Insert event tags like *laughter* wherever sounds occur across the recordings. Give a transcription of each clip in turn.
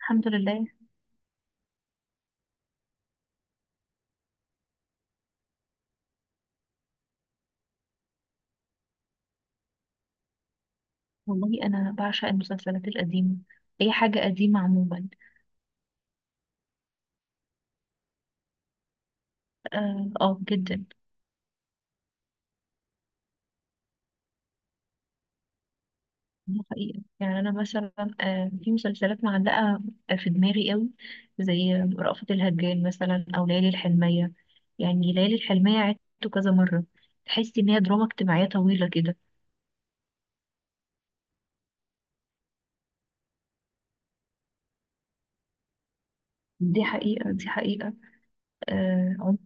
الحمد لله. والله انا بعشق المسلسلات القديمه، اي حاجه قديمه عموما. اه، آه، جدا. دي حقيقه، يعني انا مثلا في مسلسلات معلقه في دماغي قوي، زي رأفت الهجان مثلا او ليالي الحلميه. يعني ليالي الحلميه عدته كذا مره، تحس ان هي دراما اجتماعيه طويله كده. دي حقيقه دي حقيقه. اه.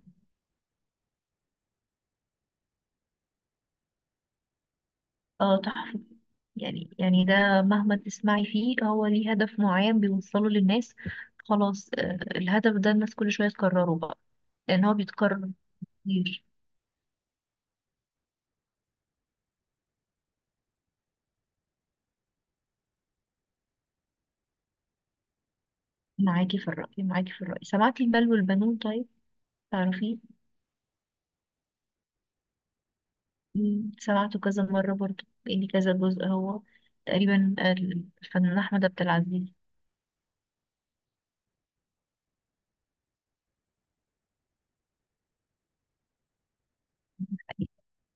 آه، تحفه. يعني ده مهما تسمعي فيه، هو ليه هدف معين بيوصله للناس. خلاص، الهدف ده الناس كل شوية تكرره بقى، لأن هو بيتكرر كتير. معاكي في الرأي، معاكي في الرأي. سمعتي المال والبنون؟ طيب، تعرفيه؟ سمعته كذا مرة برضه، لأن كذا جزء هو، تقريبا الفنان أحمد عبد العزيز.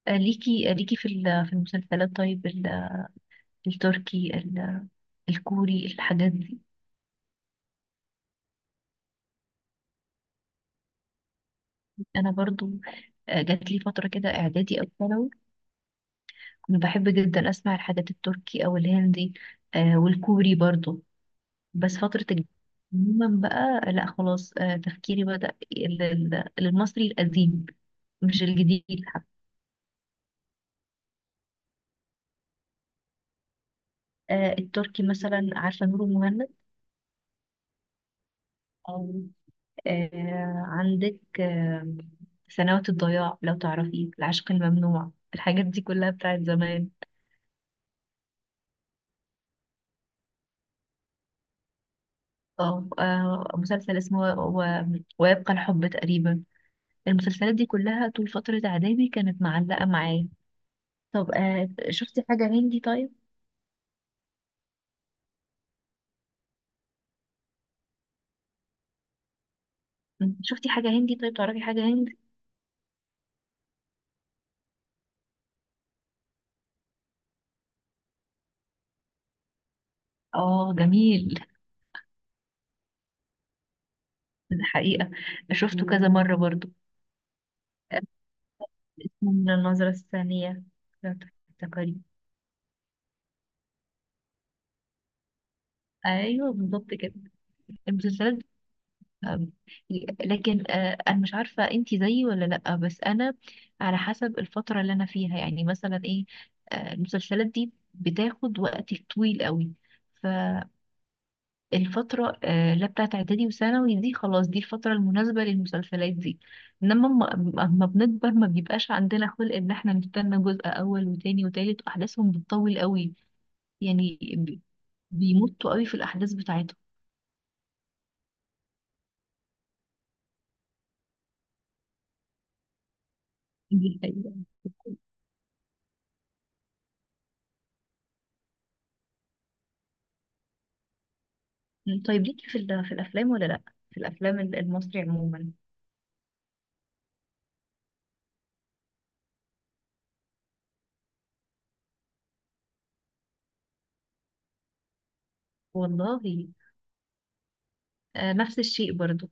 ليكي في المسلسلات، طيب التركي الكوري، الحاجات دي. أنا برضو، جات لي فترة كده إعدادي أو ثانوي، أنا بحب جدا أسمع الحاجات التركي أو الهندي والكوري برضو. بس عموما بقى، لا، خلاص، تفكيري بدأ للمصري القديم، مش الجديد حتى. التركي مثلا، عارفة نور المهند؟ أو عندك سنوات الضياع، لو تعرفي، العشق الممنوع، الحاجات دي كلها بتاعت زمان. مسلسل اسمه ويبقى الحب تقريبا. المسلسلات دي كلها طول فترة إعدادي كانت معلقة معايا. طب شفتي حاجة هندي طيب؟ شفتي حاجة هندي طيب، تعرفي حاجة هندي؟ اه جميل. *laughs* الحقيقة، شفته كذا مرة برضو. آه، اسمه من النظرة الثانية، لو تفتكري. ايوه بالظبط كده، المسلسلات. آه، لكن انا مش عارفة انتي زيي ولا لأ، بس انا على حسب الفترة اللي انا فيها، يعني مثلا ايه، المسلسلات دي بتاخد وقت طويل قوي. ف الفترة، لا، بتاعت إعدادي وثانوي دي، خلاص دي الفترة المناسبة للمسلسلات دي. إنما، أما بنكبر ما بيبقاش عندنا خلق إن إحنا نستنى جزء أول وتاني وتالت، وأحداثهم بتطول قوي. يعني بيمطوا قوي في الأحداث بتاعتهم. دي حقيقة. طيب ليكي في الأفلام ولا لأ؟ في الأفلام المصري عموما. والله، نفس الشيء برضو.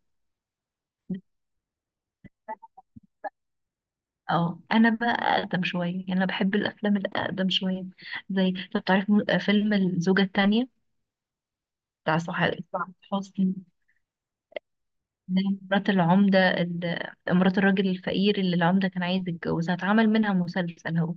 اه انا بقى اقدم شويه، يعني انا بحب الافلام الاقدم شويه، زي طب تعرف فيلم الزوجه الثانيه، بتاع سعاد حسني. إن هي مرات العمدة، مرات الراجل الفقير اللي العمدة كان عايز يتجوزها، اتعمل منها مسلسل هو.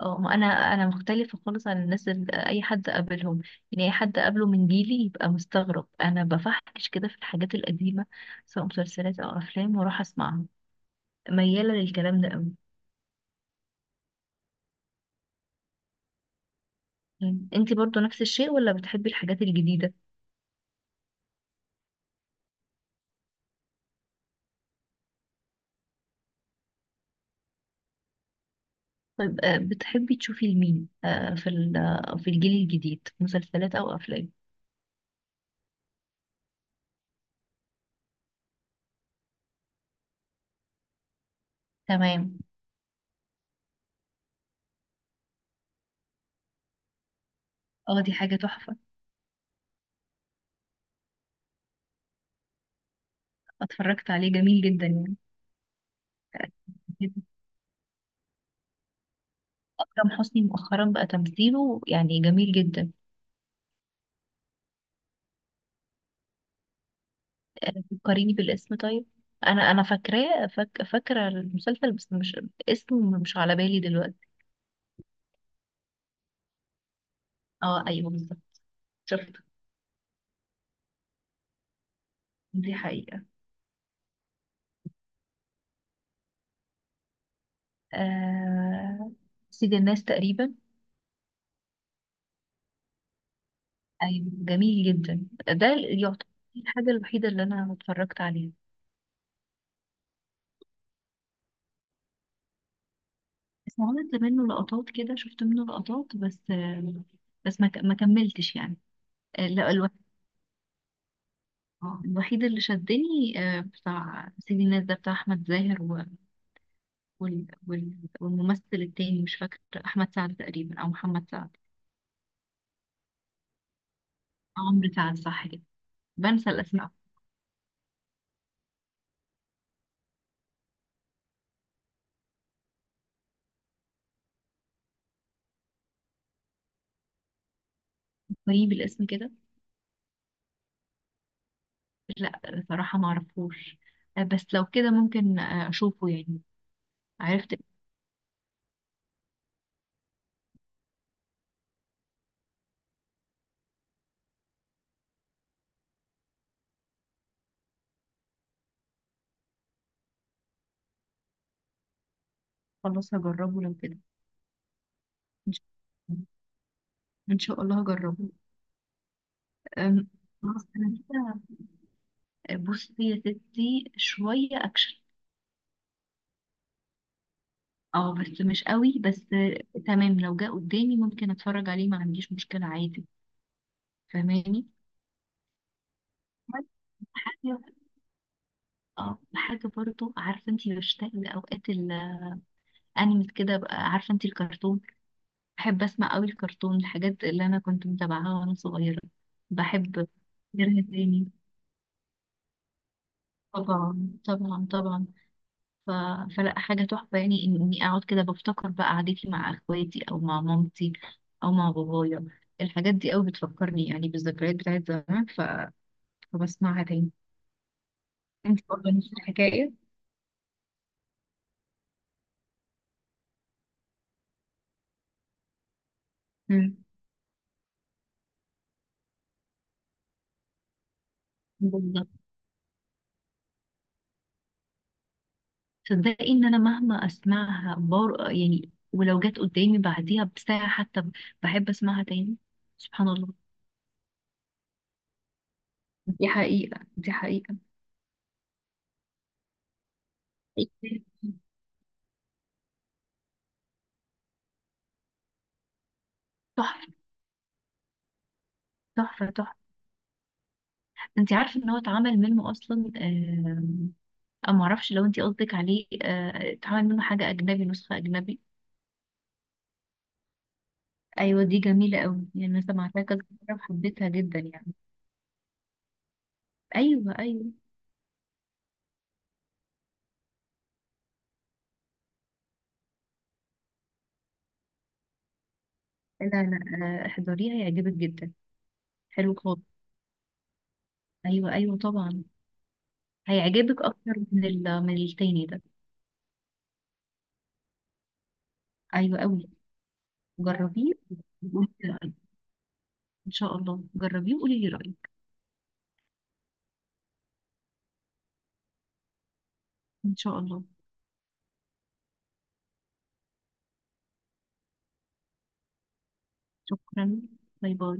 اه، ما انا مختلفة خالص عن الناس اللي اي حد قابلهم. يعني اي حد قابله من جيلي يبقى مستغرب انا بفحش كده في الحاجات القديمة سواء مسلسلات او افلام، واروح اسمعها، ميالة للكلام ده قوي. يعني انتي برضو نفس الشيء ولا بتحبي الحاجات الجديدة؟ طيب بتحبي تشوفي لمين في الجيل الجديد مسلسلات او افلام؟ تمام. اه دي حاجة تحفة. اتفرجت عليه، جميل جدا يعني. أكرم حسني مؤخرا بقى تمثيله يعني جميل جدا. فكريني بالاسم طيب، أنا فاكرة المسلسل بس مش اسمه، مش على بالي دلوقتي. اه أيوه بالظبط، شفته. دي حقيقة. آه... سيد الناس تقريبا. أيوه جميل جدا، ده يعتبر الحاجة الوحيدة اللي أنا اتفرجت عليها. بس عملت منه لقطات كده، شفت منه لقطات بس، بس ما كملتش يعني. لا، الوحيد اللي شدني بتاع سيدي الناس ده، بتاع أحمد زاهر وال... وال... والممثل التاني مش فاكر، أحمد سعد تقريبا أو محمد سعد، أو عمرو سعد، صح كده. بنسى الأسماء. قريب الاسم كده. لا، صراحة معرفوش. بس لو كده ممكن أشوفه يعني. عرفت. خلاص هجربه لو كده. إن شاء الله، إن شاء الله هجربه. أم، خلاص أنا كده، بصي يا ستي، شوية أكشن. اه بس مش قوي، بس تمام، لو جه قدامي ممكن اتفرج عليه، ما عنديش مشكلة عادي. فاهماني؟ بس حاجة، اه حاجة برضو، عارفة انتي، بشتاق لأوقات الأنمي كده بقى، عارفة انتي الكرتون. بحب أسمع قوي الكرتون، الحاجات اللي أنا كنت متابعاها وأنا صغيرة. بحب غيرها تاني، طبعا طبعا طبعا. ف... فلا، حاجة تحفة يعني إني أقعد كده بفتكر بقى قعدتي مع أخواتي أو مع مامتي أو مع بابايا. الحاجات دي أوي بتفكرني يعني بالذكريات بتاعت زمان، فبسمعها تاني. انت برضه نفس الحكاية؟ مم. بالظبط. تصدقي إن أنا مهما أسمعها يعني، ولو جت قدامي بعديها بساعة حتى بحب أسمعها تاني. سبحان الله. دي حقيقة دي حقيقة. تحفة تحفة تحفة. انت عارفه ان هو اتعمل منه اصلا، او معرفش لو انت قصدك عليه، اتعمل منه حاجه اجنبي، نسخه اجنبي. ايوه دي جميله قوي يعني، انا سمعتها كذا مره وحبيتها جدا يعني. ايوه ايوه. لا لا، احضريها هيعجبك جدا. حلو خالص. ايوه ايوه طبعا، هيعجبك اكتر من من التاني ده. ايوه قوي. جربيه وقولي لي رأيك. ان شاء الله جربيه وقولي لي رايك. ان شاء الله. شكرا. باي باي.